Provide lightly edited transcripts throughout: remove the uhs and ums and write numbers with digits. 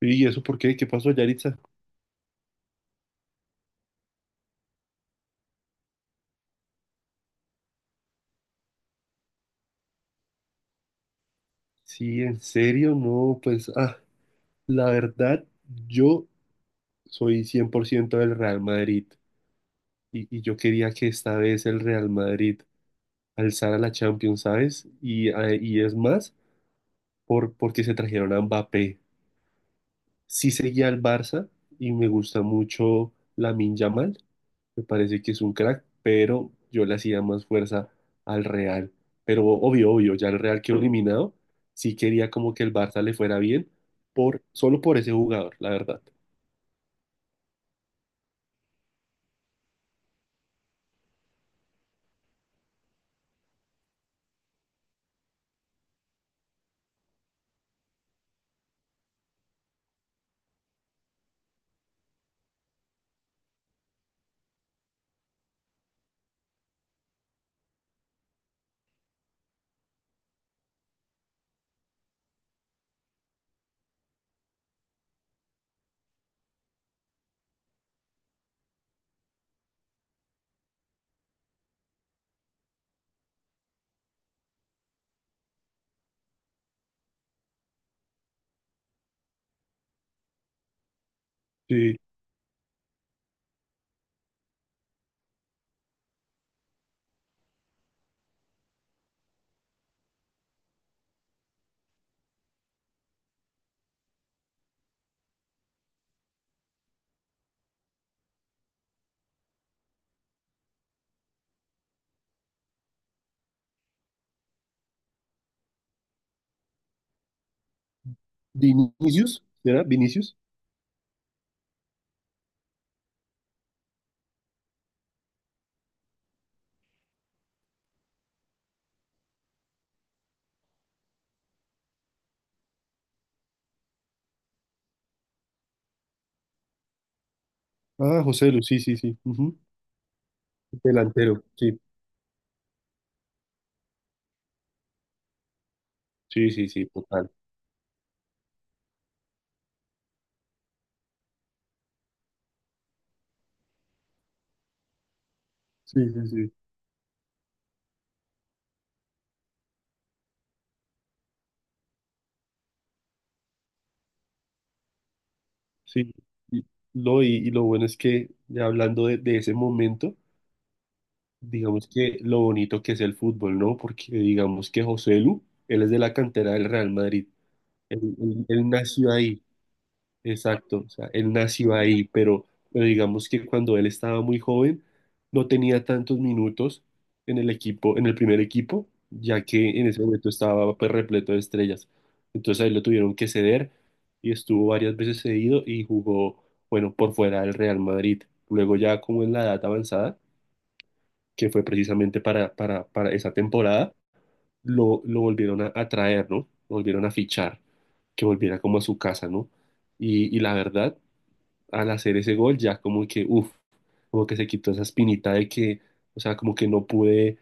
¿Y eso por qué? ¿Qué pasó, Yaritza? Sí, en serio, no, pues, la verdad, yo soy 100% del Real Madrid y yo quería que esta vez el Real Madrid alzara la Champions, ¿sabes? Y, y es más, porque se trajeron a Mbappé. Sí seguía al Barça y me gusta mucho Lamine Yamal. Me parece que es un crack, pero yo le hacía más fuerza al Real. Pero obvio, obvio, ya el Real quedó eliminado. Sí quería como que el Barça le fuera bien, solo por ese jugador, la verdad. Sí. Vinicius, ¿era Vinicius? Ah, José Lu, sí, sí, sí, ujú. Delantero, sí. Sí, sí, sí, total. Sí, sí, sí. Sí. Y, no, y lo bueno es que, ya hablando de ese momento, digamos que lo bonito que es el fútbol, ¿no? Porque digamos que José Lu, él es de la cantera del Real Madrid. Él nació ahí, exacto. O sea, él nació ahí, pero digamos que cuando él estaba muy joven, no tenía tantos minutos en el equipo, en el primer equipo, ya que en ese momento estaba pues, repleto de estrellas. Entonces ahí lo tuvieron que ceder y estuvo varias veces cedido y jugó, bueno, por fuera del Real Madrid. Luego ya como en la edad avanzada que fue precisamente para esa temporada, lo volvieron a traer, ¿no? Lo volvieron a fichar, que volviera como a su casa, ¿no? Y la verdad, al hacer ese gol, ya como que, uff, como que se quitó esa espinita de que, o sea, como que no pude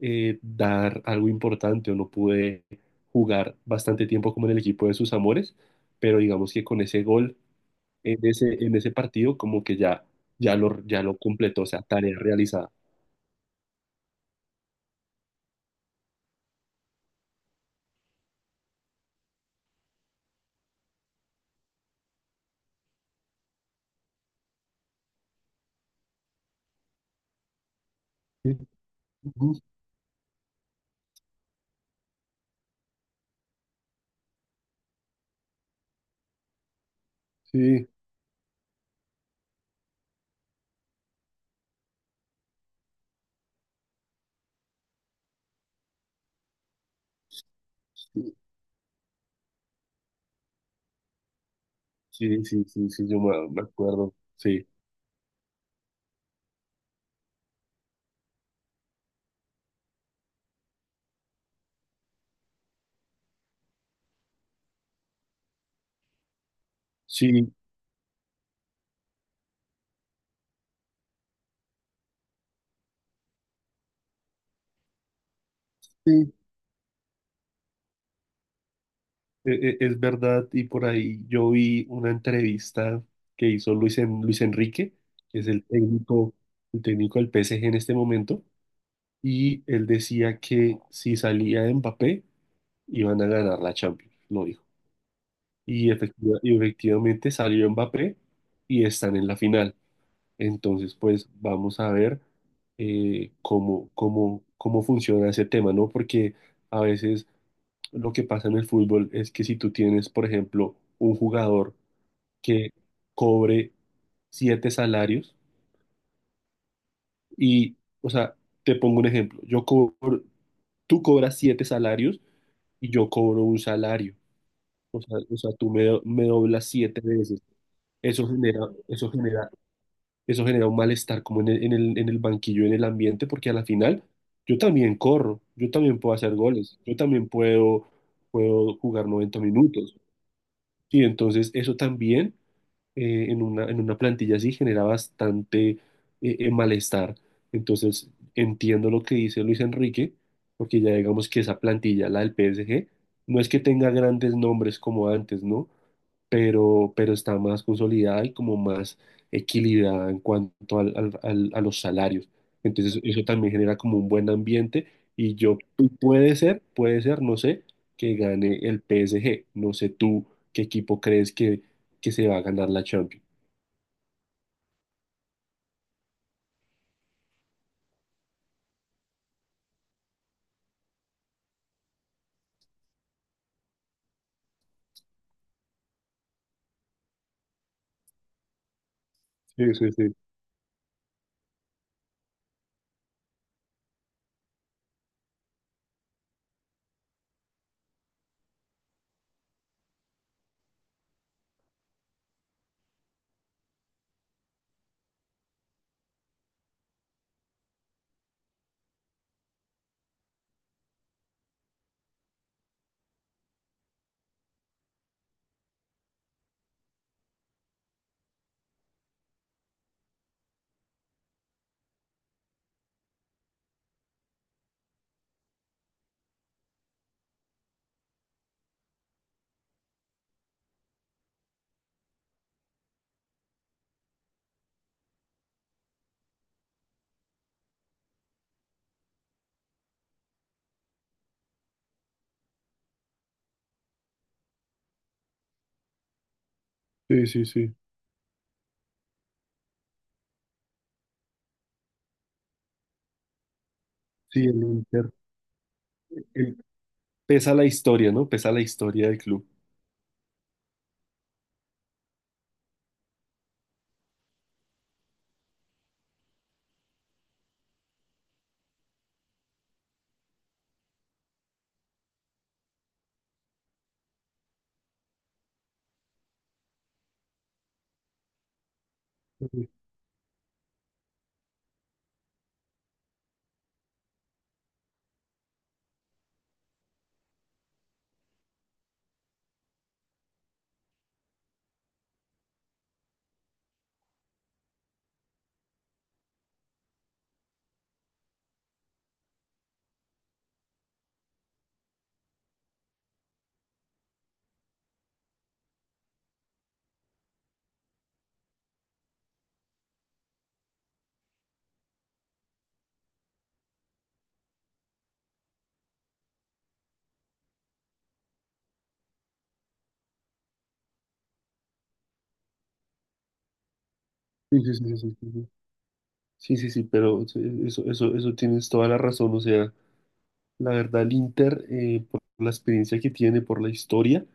dar algo importante o no pude jugar bastante tiempo como en el equipo de sus amores, pero digamos que con ese gol en ese partido, como que ya, ya lo completó, o sea, tarea realizada. Ujú. Sí. Sí, sí, sí, sí, yo me, me acuerdo. Sí, sí, sí, es verdad. Y por ahí yo vi una entrevista que hizo Luis Enrique, que es el técnico del PSG en este momento, y él decía que si salía Mbappé, iban a ganar la Champions, lo dijo. Y, y efectivamente salió Mbappé y están en la final. Entonces, pues vamos a ver cómo, cómo funciona ese tema, ¿no? Porque a veces lo que pasa en el fútbol es que si tú tienes, por ejemplo, un jugador que cobre siete salarios y, o sea, te pongo un ejemplo, yo cobro, tú cobras siete salarios y yo cobro un salario, o sea tú me, me doblas siete veces. Eso genera, eso genera eso genera un malestar como en el, en el banquillo, en el ambiente, porque a la final yo también corro, yo también puedo hacer goles, yo también puedo, puedo jugar 90 minutos. Y entonces eso también en una plantilla así genera bastante malestar. Entonces entiendo lo que dice Luis Enrique, porque ya digamos que esa plantilla, la del PSG, no es que tenga grandes nombres como antes, ¿no? Pero pero está más consolidada y como más equilibrada en cuanto a los salarios. Entonces eso también genera como un buen ambiente y yo y puede ser, no sé, que gane el PSG. No sé tú qué equipo crees que se va a ganar la Champions. Sí, sí, sí, sí, sí, sí, sí, el Inter. El- Pesa la historia, ¿no? Pesa la historia del club. Sí, sí, sí, sí, sí, sí. Sí, sí, sí, pero eso tienes toda la razón, o sea. La verdad, el Inter, por la experiencia que tiene, por la historia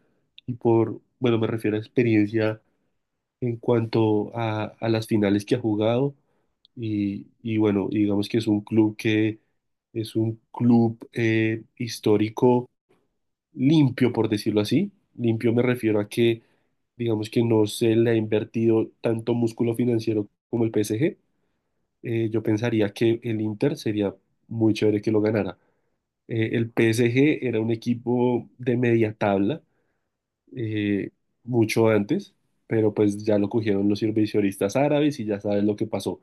y por, bueno, me refiero a experiencia en cuanto a las finales que ha jugado y bueno, digamos que es un club que es un club histórico limpio, por decirlo así. Limpio me refiero a que, digamos que no se le ha invertido tanto músculo financiero como el PSG. Yo pensaría que el Inter sería muy chévere que lo ganara. El PSG era un equipo de media tabla eh, mucho antes, pero pues ya lo cogieron los inversionistas árabes y ya sabes lo que pasó.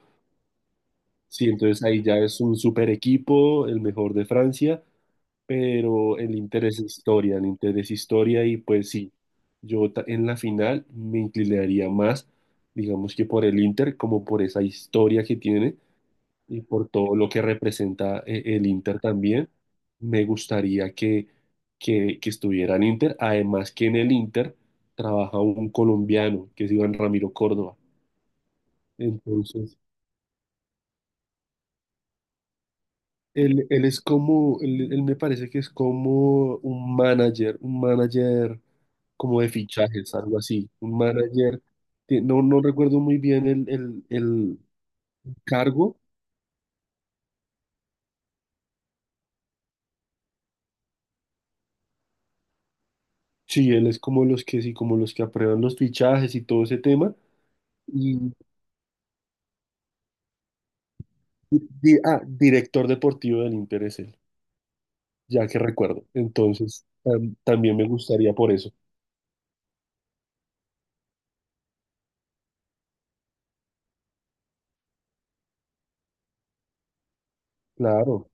Sí, entonces ahí ya es un super equipo, el mejor de Francia, pero el interés es historia, el interés es historia y pues sí, en la final me inclinaría más, digamos que por el Inter, como por esa historia que tiene y por todo lo que representa el Inter también. Me gustaría que estuviera en Inter, además que en el Inter trabaja un colombiano, que es Iván Ramiro Córdoba. Entonces, él es como, él me parece que es como un manager como de fichajes, algo así, un manager, que no, no recuerdo muy bien el cargo, sí, él es como los que, sí, como los que aprueban los fichajes y todo ese tema. Di- Director deportivo del Inter es él, ya que recuerdo. Entonces, también me gustaría por eso. Claro,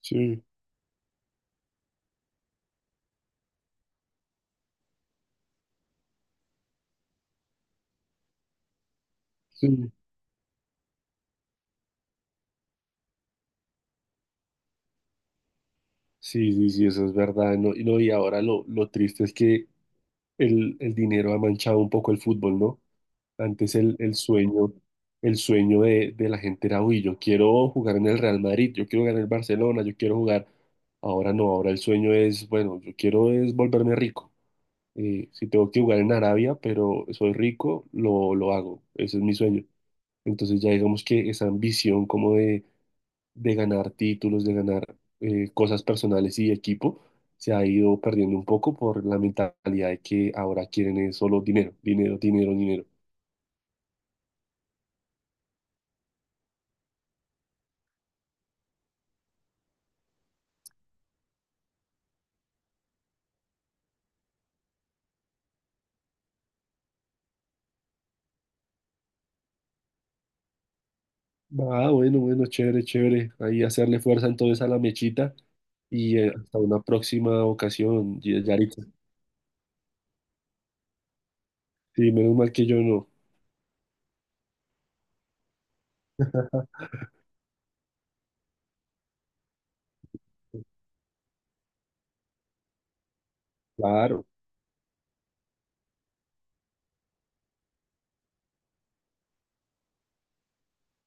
sí, sí. Sí, sí, sí, eso es verdad. No, y, no, y ahora lo triste es que el dinero ha manchado un poco el fútbol, ¿no? Antes el sueño de la gente era, uy, yo quiero jugar en el Real Madrid, yo quiero jugar en el Barcelona, yo quiero jugar. Ahora no, ahora el sueño es, bueno, yo quiero es volverme rico. Si tengo que jugar en Arabia, pero soy rico, lo hago. Ese es mi sueño. Entonces ya digamos que esa ambición como de ganar títulos, de ganar cosas personales y de equipo, se ha ido perdiendo un poco por la mentalidad de que ahora quieren es solo dinero, dinero, dinero, dinero. Ah, bueno, bueno, chévere, chévere. Ahí hacerle fuerza entonces a la mechita y hasta una próxima ocasión, Yaritza. Sí, menos mal que yo no. Claro,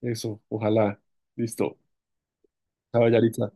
eso, ojalá. Listo. Chao, Yaritza.